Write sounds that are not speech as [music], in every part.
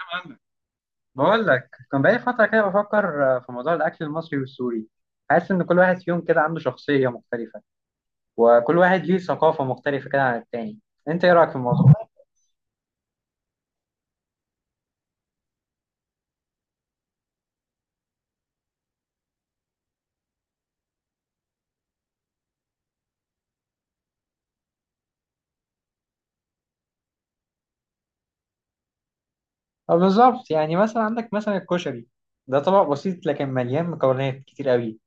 فاهمك. بقول لك كان بقالي فترة كده بفكر في موضوع الأكل المصري والسوري. حاسس إن كل واحد فيهم كده عنده شخصية مختلفة، وكل واحد ليه ثقافة مختلفة كده عن التاني. أنت إيه رأيك في الموضوع؟ بالظبط. يعني مثلا عندك مثلا الكشري، ده طبق بسيط لكن مليان مكونات كتير قوي.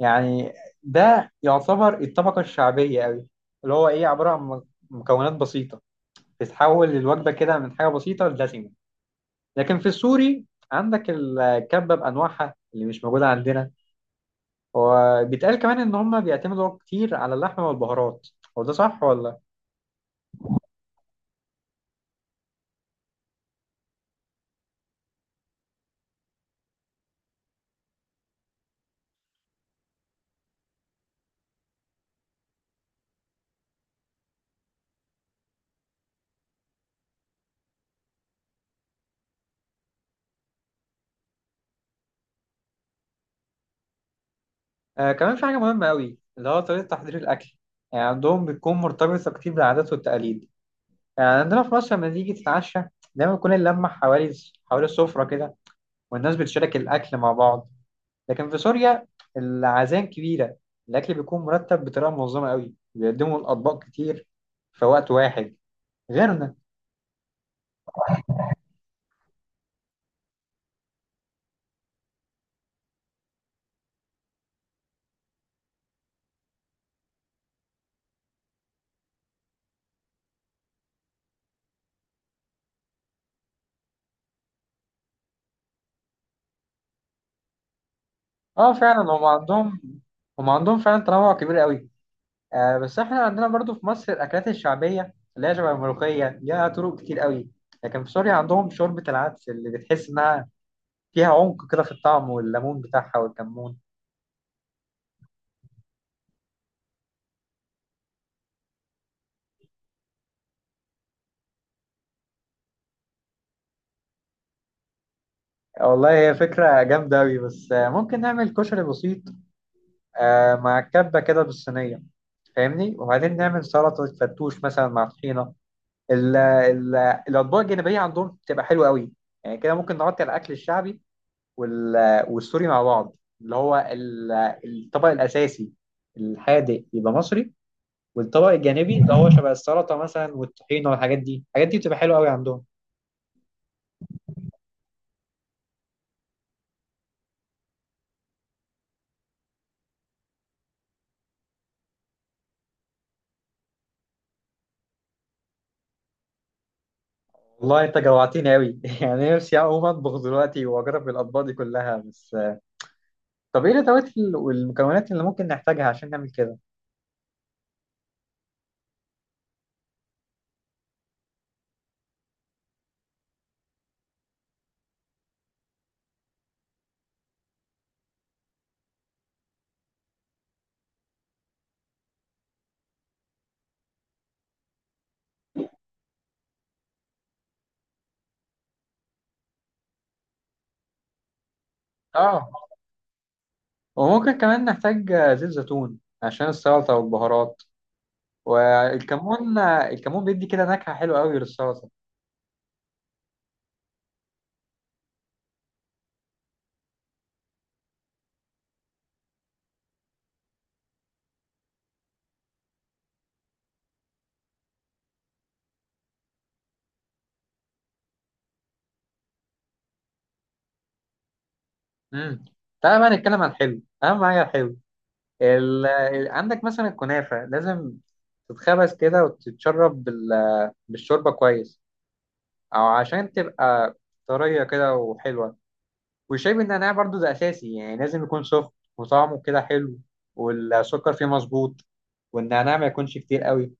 يعني ده يعتبر الطبقة الشعبية قوي، اللي هو إيه عبارة عن مكونات بسيطة بتتحول الوجبة كده من حاجة بسيطة لدسمة. لكن في السوري عندك الكبة بأنواعها اللي مش موجودة عندنا، وبيتقال كمان ان هم بيعتمدوا كتير على اللحمه والبهارات. هو ده صح ولا؟ آه كمان في حاجه مهمه قوي اللي هو طريقه تحضير الاكل. يعني عندهم بتكون مرتبطه كتير بالعادات والتقاليد. يعني عندنا في مصر لما تيجي تتعشى دايما بتكون اللمه حوالي السفره كده، والناس بتشارك الاكل مع بعض. لكن في سوريا العزائم كبيره، الاكل بيكون مرتب بطريقه منظمه قوي، بيقدموا الاطباق كتير في وقت واحد، غيرنا. اه فعلا هم عندهم، هم عندهم فعلا تنوع كبير قوي. آه بس احنا عندنا برضو في مصر الاكلات الشعبيه اللي هي شبه الملوخيه ليها طرق كتير قوي. لكن في سوريا عندهم شوربه العدس اللي بتحس انها فيها عمق كده في الطعم، والليمون بتاعها والكمون. والله هي فكره جامده قوي، بس آه ممكن نعمل كشري بسيط، آه مع كبه كده بالصينيه، فاهمني، وبعدين نعمل سلطه فرتوش مثلا مع طحينه. ال- ال- الاطباق الجانبيه عندهم بتبقى حلوه قوي. يعني كده ممكن نغطي على الاكل الشعبي والسوري مع بعض، اللي هو ال- الطبق الأساسي الحادق يبقى مصري، والطبق الجانبي اللي هو شبه السلطة مثلا والطحينة، والحاجات دي الحاجات دي بتبقى حلوة قوي عندهم. والله انت جوعتني قوي [laughs] يعني نفسي اقوم اطبخ دلوقتي واجرب الاطباق دي كلها. بس طب ايه الادوات والمكونات اللي ممكن نحتاجها عشان نعمل كده؟ اه، وممكن كمان نحتاج زيت زيتون عشان السلطة والبهارات والكمون. الكمون بيدي كده نكهة حلوة قوي للسلطة. امم تعالى بقى نتكلم عن الحلو، اهم حاجه الحلو. عندك مثلا الكنافه لازم تتخبز كده وتتشرب بالشوربه كويس، او عشان تبقى طريه كده وحلوه. والشاي بالنعناع برضو ده اساسي، يعني لازم يكون سخن، وطعمه كده حلو، والسكر فيه مظبوط، والنعناع ما يكونش كتير قوي.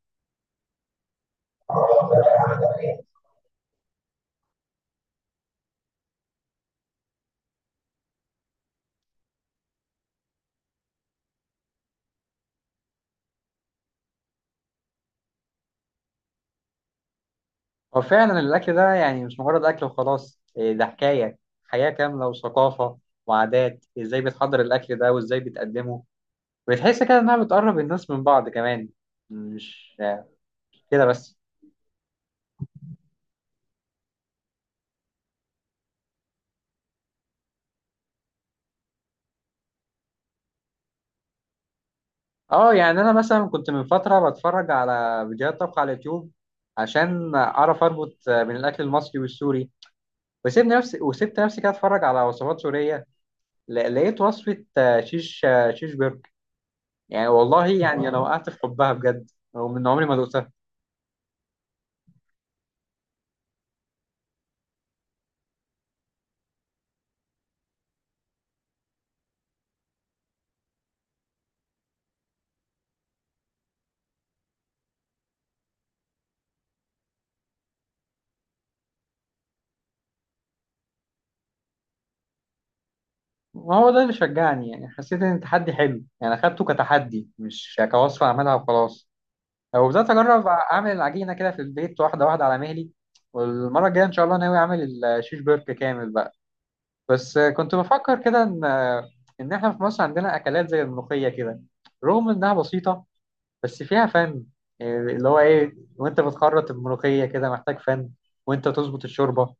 هو فعلا الاكل ده يعني مش مجرد اكل وخلاص، إيه ده حكايه، حياه كامله وثقافه وعادات، ازاي بتحضر الاكل ده وازاي بتقدمه. بتحس كده انها بتقرب الناس من بعض كمان، مش مش كده بس. اه يعني انا مثلا كنت من فتره بتفرج على فيديوهات طبخ على اليوتيوب عشان اعرف اربط بين الاكل المصري والسوري. وسيبني نفسي وسبت نفسي كده اتفرج على وصفات سوريه. لقيت وصفه شيش، شيش برجر. يعني والله يعني انا وقعت في حبها بجد، ومن عمري ما دقتها. ما هو ده اللي شجعني، يعني حسيت ان التحدي حلو، يعني اخدته كتحدي مش كوصفه اعملها وخلاص. وبدأت أجرب أعمل العجينة كده في البيت، واحدة واحدة على مهلي. والمرة الجاية إن شاء الله ناوي أعمل الشيش برك كامل بقى. بس كنت بفكر كده إن، إحنا في مصر عندنا أكلات زي الملوخية كده، رغم إنها بسيطة بس فيها فن. إيه اللي هو إيه، وأنت بتخرط الملوخية كده محتاج فن، وأنت تظبط الشوربة،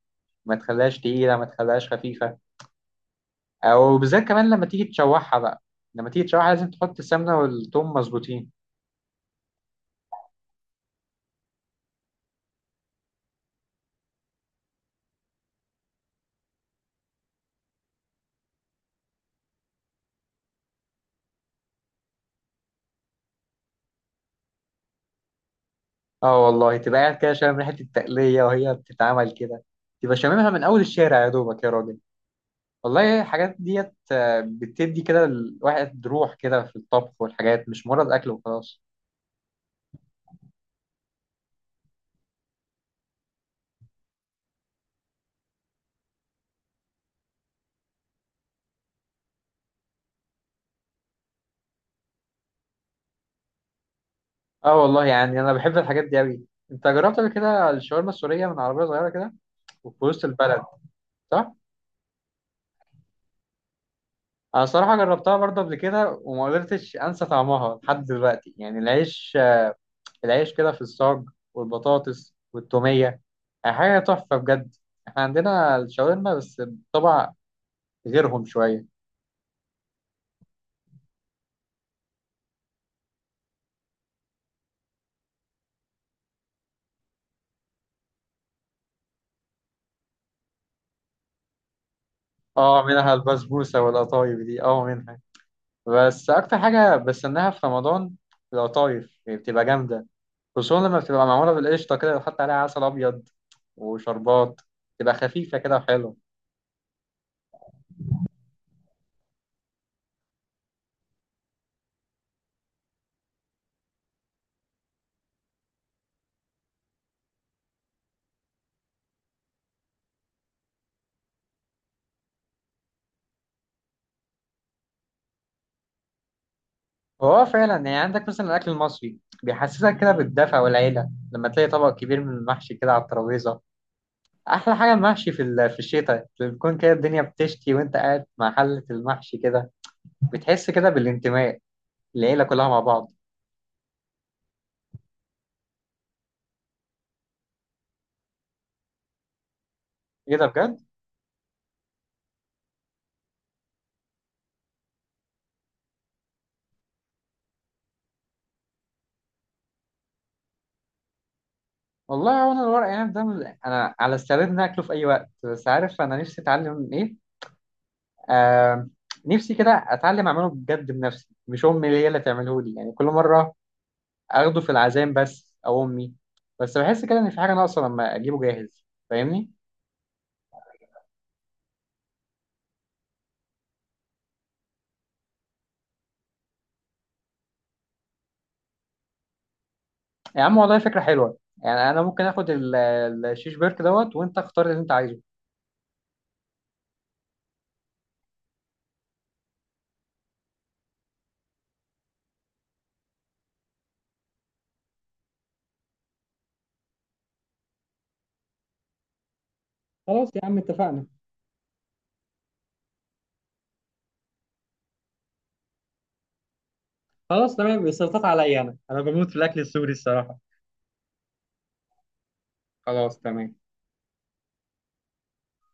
ما تخليهاش تقيلة ما تخليهاش خفيفة. أو بالذات كمان لما تيجي تشوحها لازم تحط السمنة والثوم مظبوطين. اه والله، تبقى قاعد كده شامم ريحة التقلية وهي بتتعمل كده، تبقى شاممها من أول الشارع يا دوبك يا راجل. والله الحاجات ديت بتدي كده الواحد روح كده في الطبخ، والحاجات مش مجرد أكل وخلاص. اه والله يعني أنا بحب الحاجات دي أوي. أنت جربت قبل كده الشاورما السورية من عربية صغيرة كده وفي وسط البلد، صح؟ أنا صراحة جربتها برضه قبل كده، وما قدرتش أنسى طعمها لحد دلوقتي. يعني العيش كده في الصاج، والبطاطس والتومية، حاجة تحفة بجد. احنا عندنا الشاورما بس بطبع غيرهم شوية. اه منها البسبوسة والقطايف، دي اه منها. بس أكتر حاجة بستناها في رمضان القطايف، يعني بتبقى جامدة، خصوصا لما بتبقى معمولة بالقشطة كده وتحط عليها عسل أبيض وشربات، تبقى خفيفة كده وحلوة. هو فعلا يعني عندك مثلا الأكل المصري بيحسسك كده بالدفء والعيلة، لما تلاقي طبق كبير من المحشي كده على الترابيزة. احلى حاجه المحشي في في الشتاء، لما بتكون كده الدنيا بتشتي وانت قاعد مع حله المحشي كده، بتحس كده بالانتماء، العيله كلها مع بعض. ايه ده بجد؟ والله وانا الورق عنب ده انا على استعداد اني اكله في اي وقت. بس عارف انا نفسي اتعلم ايه، آه، نفسي كده اتعلم اعمله بجد بنفسي، مش امي اللي هي اللي تعمله لي يعني كل مره اخده في العزايم بس او امي، بس بحس كده ان في حاجه ناقصه لما اجيبه جاهز، فاهمني؟ يا عم والله فكرة حلوة، يعني أنا ممكن آخد الشيش بيرك دوت، وأنت اختار اللي أنت عايزه. خلاص يا عم اتفقنا. خلاص تمام، السلطات عليا، انا بموت في الاكل السوري الصراحه. خلاص تمام.